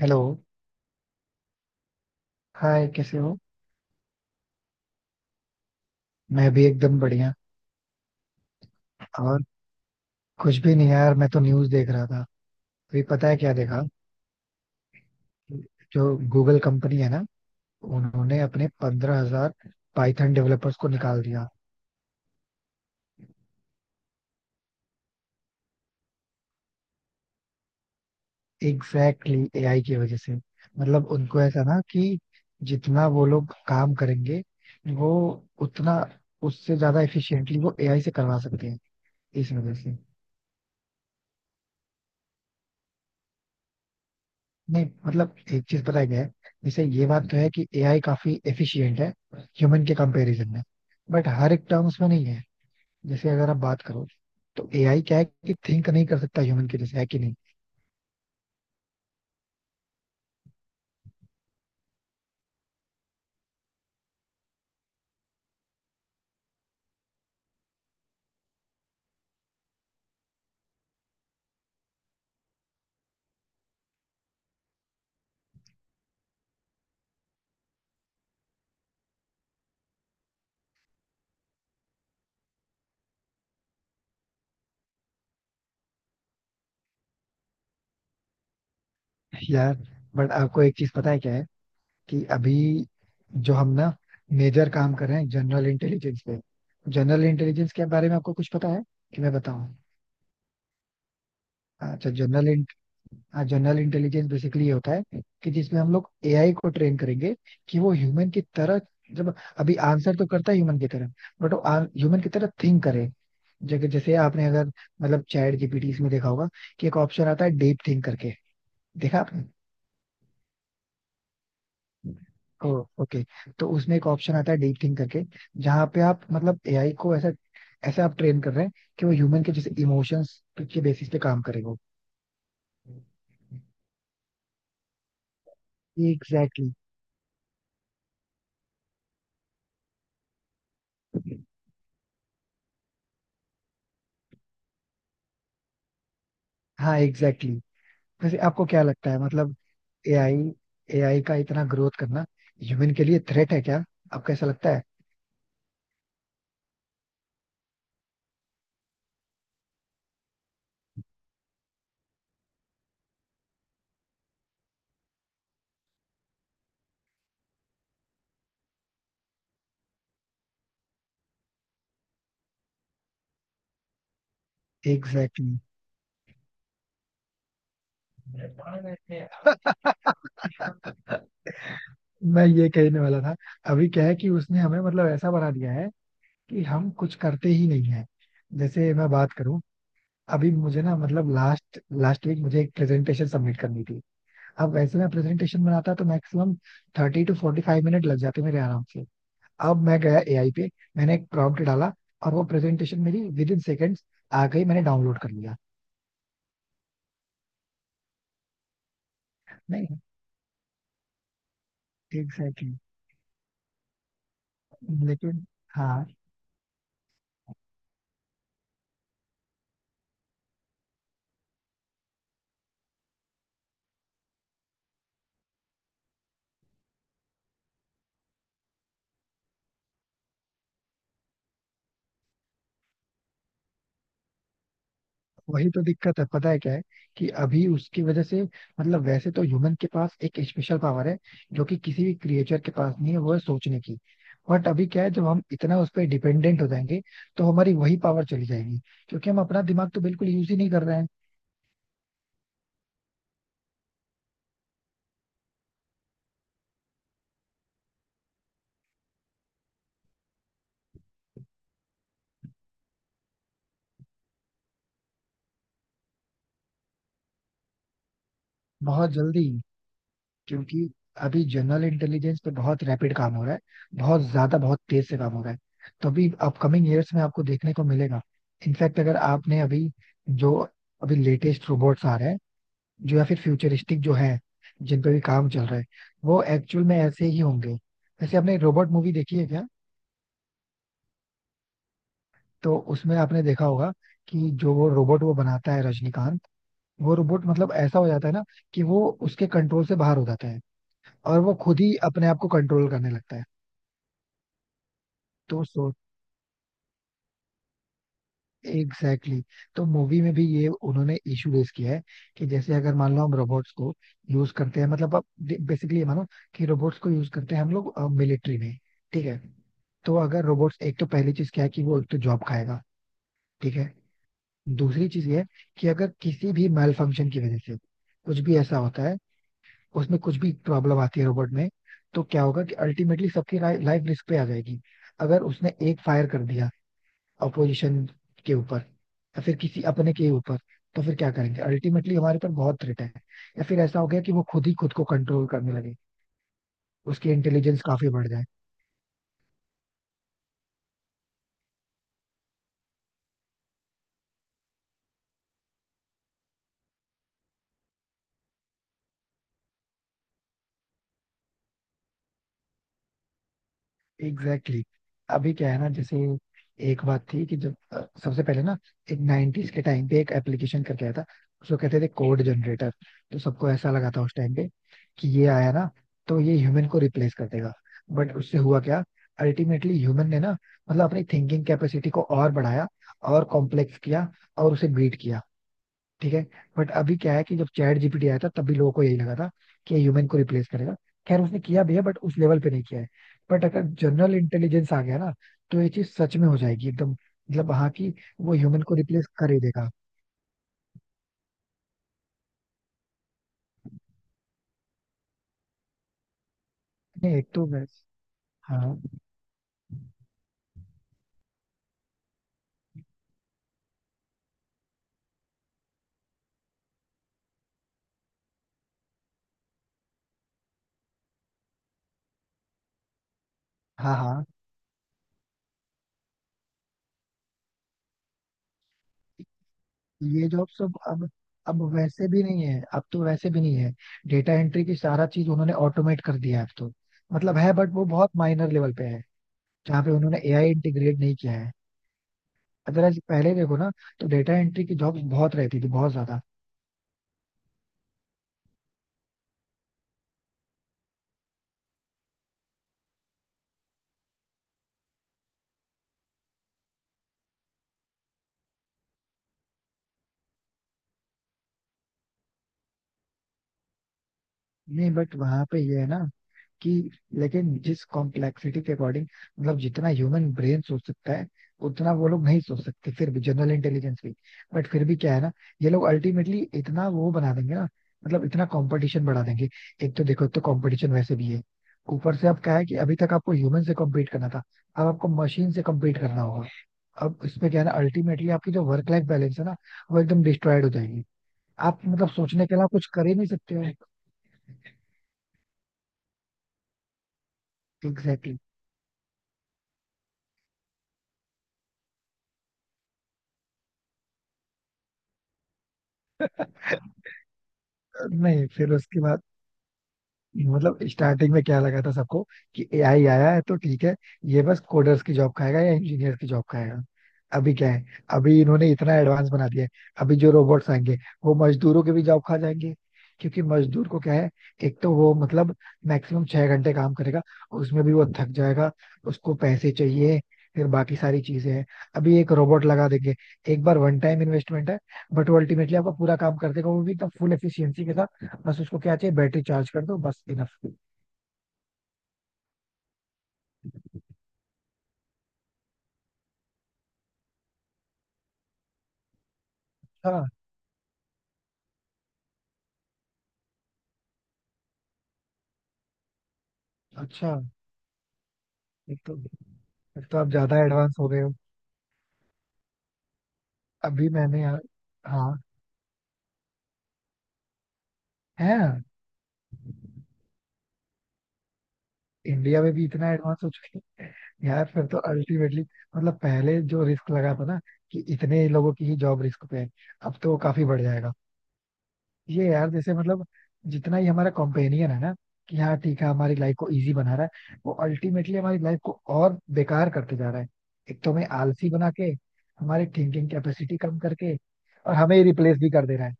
Hello. Hi, कैसे हो? मैं भी एकदम बढ़िया. और कुछ भी नहीं यार, मैं तो न्यूज़ देख रहा था. अभी पता है क्या देखा? जो गूगल कंपनी है ना, उन्होंने अपने 15,000 पाइथन डेवलपर्स को निकाल दिया. एग्जैक्टली, एआई की वजह से. मतलब उनको ऐसा, ना कि जितना वो लोग काम करेंगे वो उतना, उससे ज्यादा एफिशिएंटली वो एआई से करवा सकते हैं. इस वजह से. नहीं, मतलब एक चीज पता है क्या है, जैसे ये बात तो है कि एआई काफी एफिशिएंट है ह्यूमन के कंपैरिजन में, बट हर एक टर्म्स में नहीं है. जैसे अगर आप बात करो, तो एआई क्या है कि थिंक नहीं कर सकता ह्यूमन के जैसे, है कि नहीं? यार, बट आपको एक चीज पता है क्या है? कि अभी जो हम ना मेजर काम कर रहे हैं जनरल इंटेलिजेंस पे. जनरल इंटेलिजेंस के बारे में आपको कुछ पता है? कि मैं बताऊं? अच्छा, जनरल, हाँ, जनरल इंटेलिजेंस बेसिकली ये होता है कि जिसमें हम लोग एआई को ट्रेन करेंगे कि वो ह्यूमन की तरह, जब, अभी आंसर तो करता है ह्यूमन की तरह, बट वो ह्यूमन की तरह थिंक करे. जैसे जैसे आपने अगर, मतलब चैट जीपीटी इसमें देखा होगा कि एक ऑप्शन आता है डीप थिंक करके. देखा आपने? ओ, ओके. तो उसमें एक ऑप्शन आता है डीप थिंक करके, जहाँ पे आप मतलब एआई को ऐसा ऐसा आप ट्रेन कर रहे हैं कि वो ह्यूमन के जैसे इमोशंस के बेसिस पे काम करे वो. Exactly exactly. हाँ, एग्जैक्टली exactly. वैसे आपको क्या लगता है? मतलब एआई, एआई का इतना ग्रोथ करना ह्यूमन के लिए थ्रेट है क्या? आपको ऐसा लगता है? Exactly exactly. मैं ये कहने वाला था. अभी क्या है कि उसने हमें मतलब ऐसा बना दिया है कि हम कुछ करते ही नहीं है. जैसे मैं बात करूं, अभी मुझे ना, मतलब लास्ट लास्ट वीक मुझे एक प्रेजेंटेशन सबमिट करनी थी. अब वैसे मैं प्रेजेंटेशन बनाता तो मैक्सिमम 30 to 45 मिनट लग जाते मेरे आराम से. अब मैं गया एआई पे, मैंने एक प्रॉम्प्ट डाला, और वो प्रेजेंटेशन मेरी विद इन सेकेंड्स आ गई, मैंने डाउनलोड कर लिया. नहीं, एग्जैक्टली exactly. लेकिन, हाँ, वही तो दिक्कत है, पता है क्या है? कि अभी उसकी वजह से, मतलब वैसे तो ह्यूमन के पास एक स्पेशल पावर है जो कि किसी भी क्रिएचर के पास नहीं है, वो है सोचने की. बट अभी क्या है, जब हम इतना उस पर डिपेंडेंट हो जाएंगे, तो हमारी वही पावर चली जाएगी, क्योंकि हम अपना दिमाग तो बिल्कुल यूज ही नहीं कर रहे हैं. बहुत जल्दी, क्योंकि अभी जनरल इंटेलिजेंस पे बहुत रैपिड काम हो रहा है, बहुत ज्यादा, बहुत तेज से काम हो रहा है. तो अभी अपकमिंग ईयर्स में आपको देखने को मिलेगा. इनफैक्ट अगर आपने अभी, जो, अभी लेटेस्ट रोबोट्स आ रहे हैं, जो या फिर फ्यूचरिस्टिक जो है, जिन पे भी काम चल रहा है, वो एक्चुअल में ऐसे ही होंगे. वैसे आपने रोबोट मूवी देखी है क्या? तो उसमें आपने देखा होगा कि जो वो रोबोट वो बनाता है रजनीकांत, वो रोबोट मतलब ऐसा हो जाता है ना कि वो उसके कंट्रोल से बाहर हो जाता है और वो खुद ही अपने आप को कंट्रोल करने लगता है. तो एग्जैक्टली exactly. तो मूवी में भी ये उन्होंने इशू रेस किया है कि जैसे अगर मान लो हम रोबोट्स को यूज करते हैं, मतलब आप बेसिकली ये मानो कि रोबोट्स को यूज करते हैं हम लोग मिलिट्री में, ठीक है? तो अगर रोबोट्स, एक तो पहली चीज क्या है कि वो एक तो जॉब खाएगा, ठीक है. दूसरी चीज ये है कि अगर किसी भी मैल फंक्शन की वजह से कुछ भी ऐसा होता है, उसमें कुछ भी प्रॉब्लम आती है रोबोट में, तो क्या होगा कि अल्टीमेटली सबकी लाइफ रिस्क पे आ जाएगी. अगर उसने एक फायर कर दिया अपोजिशन के ऊपर या फिर किसी अपने के ऊपर, तो फिर क्या करेंगे? अल्टीमेटली हमारे पर बहुत थ्रेट है. या फिर ऐसा हो गया कि वो खुद ही खुद को कंट्रोल करने लगे, उसकी इंटेलिजेंस काफी बढ़ जाए. Exactly exactly. अभी क्या है ना, जैसे, एक बात थी कि जब सबसे पहले ना, एक 90s के टाइम पे एक एप्लीकेशन करके आया था, उसको कहते थे कोड जनरेटर. तो सबको ऐसा लगा था उस टाइम पे कि ये आया ना, तो ये ह्यूमन को रिप्लेस कर देगा. बट उससे हुआ क्या? अल्टीमेटली ह्यूमन ने ना, मतलब अपनी थिंकिंग कैपेसिटी को और बढ़ाया और कॉम्प्लेक्स किया और उसे बीट किया, ठीक है. बट अभी क्या है कि जब चैट जीपीटी आया था तब भी लोगों को यही लगा था कि ये ह्यूमन को रिप्लेस करेगा. खैर, उसने किया भी है, बट उस लेवल पे नहीं किया है. बट अगर जनरल इंटेलिजेंस आ गया ना, तो ये चीज सच में हो जाएगी, एकदम, मतलब हाँ कि वो ह्यूमन को रिप्लेस कर ही देगा. नहीं, एक तो वैसे, हाँ, हाँ, हाँ. ये जॉब सब अब वैसे भी नहीं है, अब तो वैसे भी नहीं है. डेटा एंट्री की सारा चीज उन्होंने ऑटोमेट कर दिया है अब तो. मतलब है, बट वो बहुत माइनर लेवल पे है, जहाँ पे उन्होंने एआई इंटीग्रेट नहीं किया है. अगर आज पहले देखो ना, तो डेटा एंट्री की जॉब्स बहुत रहती थी, बहुत ज्यादा. नहीं बट वहां पे ये है ना, कि लेकिन जिस कॉम्प्लेक्सिटी के अकॉर्डिंग, मतलब जितना ह्यूमन ब्रेन सोच सकता है, उतना वो लोग नहीं सोच सकते फिर भी, जनरल इंटेलिजेंस भी. बट फिर भी क्या है ना, ये लोग अल्टीमेटली इतना वो बना देंगे ना, मतलब इतना कंपटीशन बढ़ा देंगे. एक तो देखो, एक तो कंपटीशन वैसे भी है, ऊपर से अब क्या है कि अभी तक आपको ह्यूमन से कम्पीट करना था, अब आपको मशीन से कम्पीट करना होगा. अब इसमें क्या है ना, अल्टीमेटली आपकी जो वर्क लाइफ बैलेंस है ना, वो एकदम डिस्ट्रॉयड हो जाएगी. आप मतलब सोचने के अलावा कुछ कर ही नहीं सकते हो. Exactly exactly. नहीं, फिर उसके बाद, मतलब स्टार्टिंग में क्या लगा था सबको कि एआई आया है तो ठीक है, ये बस कोडर्स की जॉब खाएगा या इंजीनियर की जॉब खाएगा. अभी क्या है, अभी इन्होंने इतना एडवांस बना दिया है. अभी जो रोबोट्स आएंगे, वो मजदूरों के भी जॉब खा जाएंगे. क्योंकि मजदूर को क्या है, एक तो वो मतलब मैक्सिमम 6 घंटे काम करेगा, उसमें भी वो थक जाएगा, उसको पैसे चाहिए, फिर बाकी सारी चीजें हैं. अभी एक रोबोट लगा देंगे, एक बार वन टाइम इन्वेस्टमेंट है, बट वो अल्टीमेटली आपका पूरा काम कर देगा, वो भी एकदम फुल एफिशिएंसी के साथ. बस उसको क्या चाहिए, बैटरी चार्ज कर दो, बस, इनफ. अच्छा. अच्छा, एक तो एक तो आप ज्यादा एडवांस हो गए हो. अभी मैंने यार, हाँ, है, इंडिया में भी इतना एडवांस हो चुके हैं. यार फिर तो अल्टीमेटली, मतलब पहले जो रिस्क लगा था ना कि इतने लोगों की ही जॉब रिस्क पे है, अब तो वो काफी बढ़ जाएगा. ये यार जैसे, मतलब जितना ही हमारा कॉम्पेनियन है ना, कि हाँ ठीक है हमारी लाइफ को इजी बना रहा है, वो अल्टीमेटली हमारी लाइफ को और बेकार करते जा रहा है. एक तो हमें आलसी बना के, हमारी थिंकिंग कैपेसिटी कम करके, और हमें रिप्लेस भी कर दे रहा है.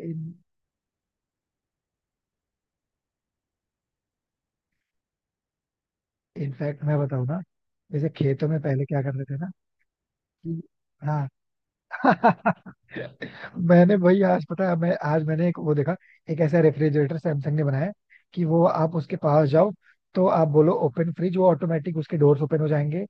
इन इनफैक्ट मैं बताऊँ ना, जैसे खेतों में पहले क्या करते थे ना, कि, हाँ मैंने वही आज, पता है, मैं आज मैंने एक वो देखा, एक ऐसा रेफ्रिजरेटर सैमसंग ने बनाया है कि वो, आप उसके पास जाओ तो आप बोलो ओपन फ्रिज, वो ऑटोमेटिक उसके डोर्स ओपन हो जाएंगे.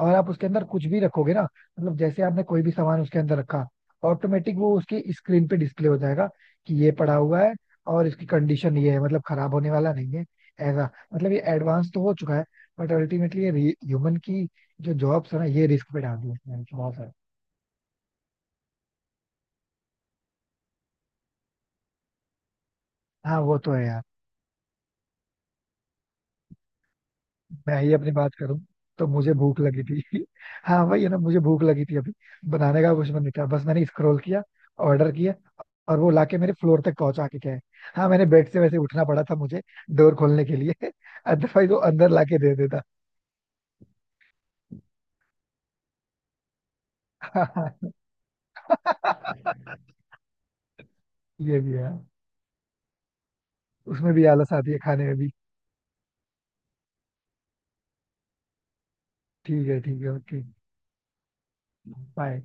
और आप उसके अंदर कुछ भी रखोगे ना, मतलब जैसे आपने कोई भी सामान उसके अंदर रखा, ऑटोमेटिक वो उसकी स्क्रीन पे डिस्प्ले हो जाएगा कि ये पड़ा हुआ है और इसकी कंडीशन ये है, मतलब खराब होने वाला नहीं है. ऐसा, मतलब ये एडवांस तो हो चुका है, बट अल्टीमेटली ये ह्यूमन की जो जॉब्स है ना, ये रिस्क पे डाल दी है इसने, बहुत सारा. हाँ वो तो है यार. मैं ही अपनी बात करूं, तो मुझे भूख लगी थी हाँ वही है ना, मुझे भूख लगी थी अभी, बनाने का कुछ मन नहीं था, बस मैंने स्क्रॉल किया, ऑर्डर किया, और वो लाके मेरे फ्लोर तक पहुंचा के गए. हाँ, मैंने बेड से वैसे उठना पड़ा था मुझे डोर खोलने के लिए अदरवाइज वो अंदर लाके दे देता ये भी है, उसमें भी आलस आती है खाने में भी. ठीक है, ठीक है, ओके, बाय.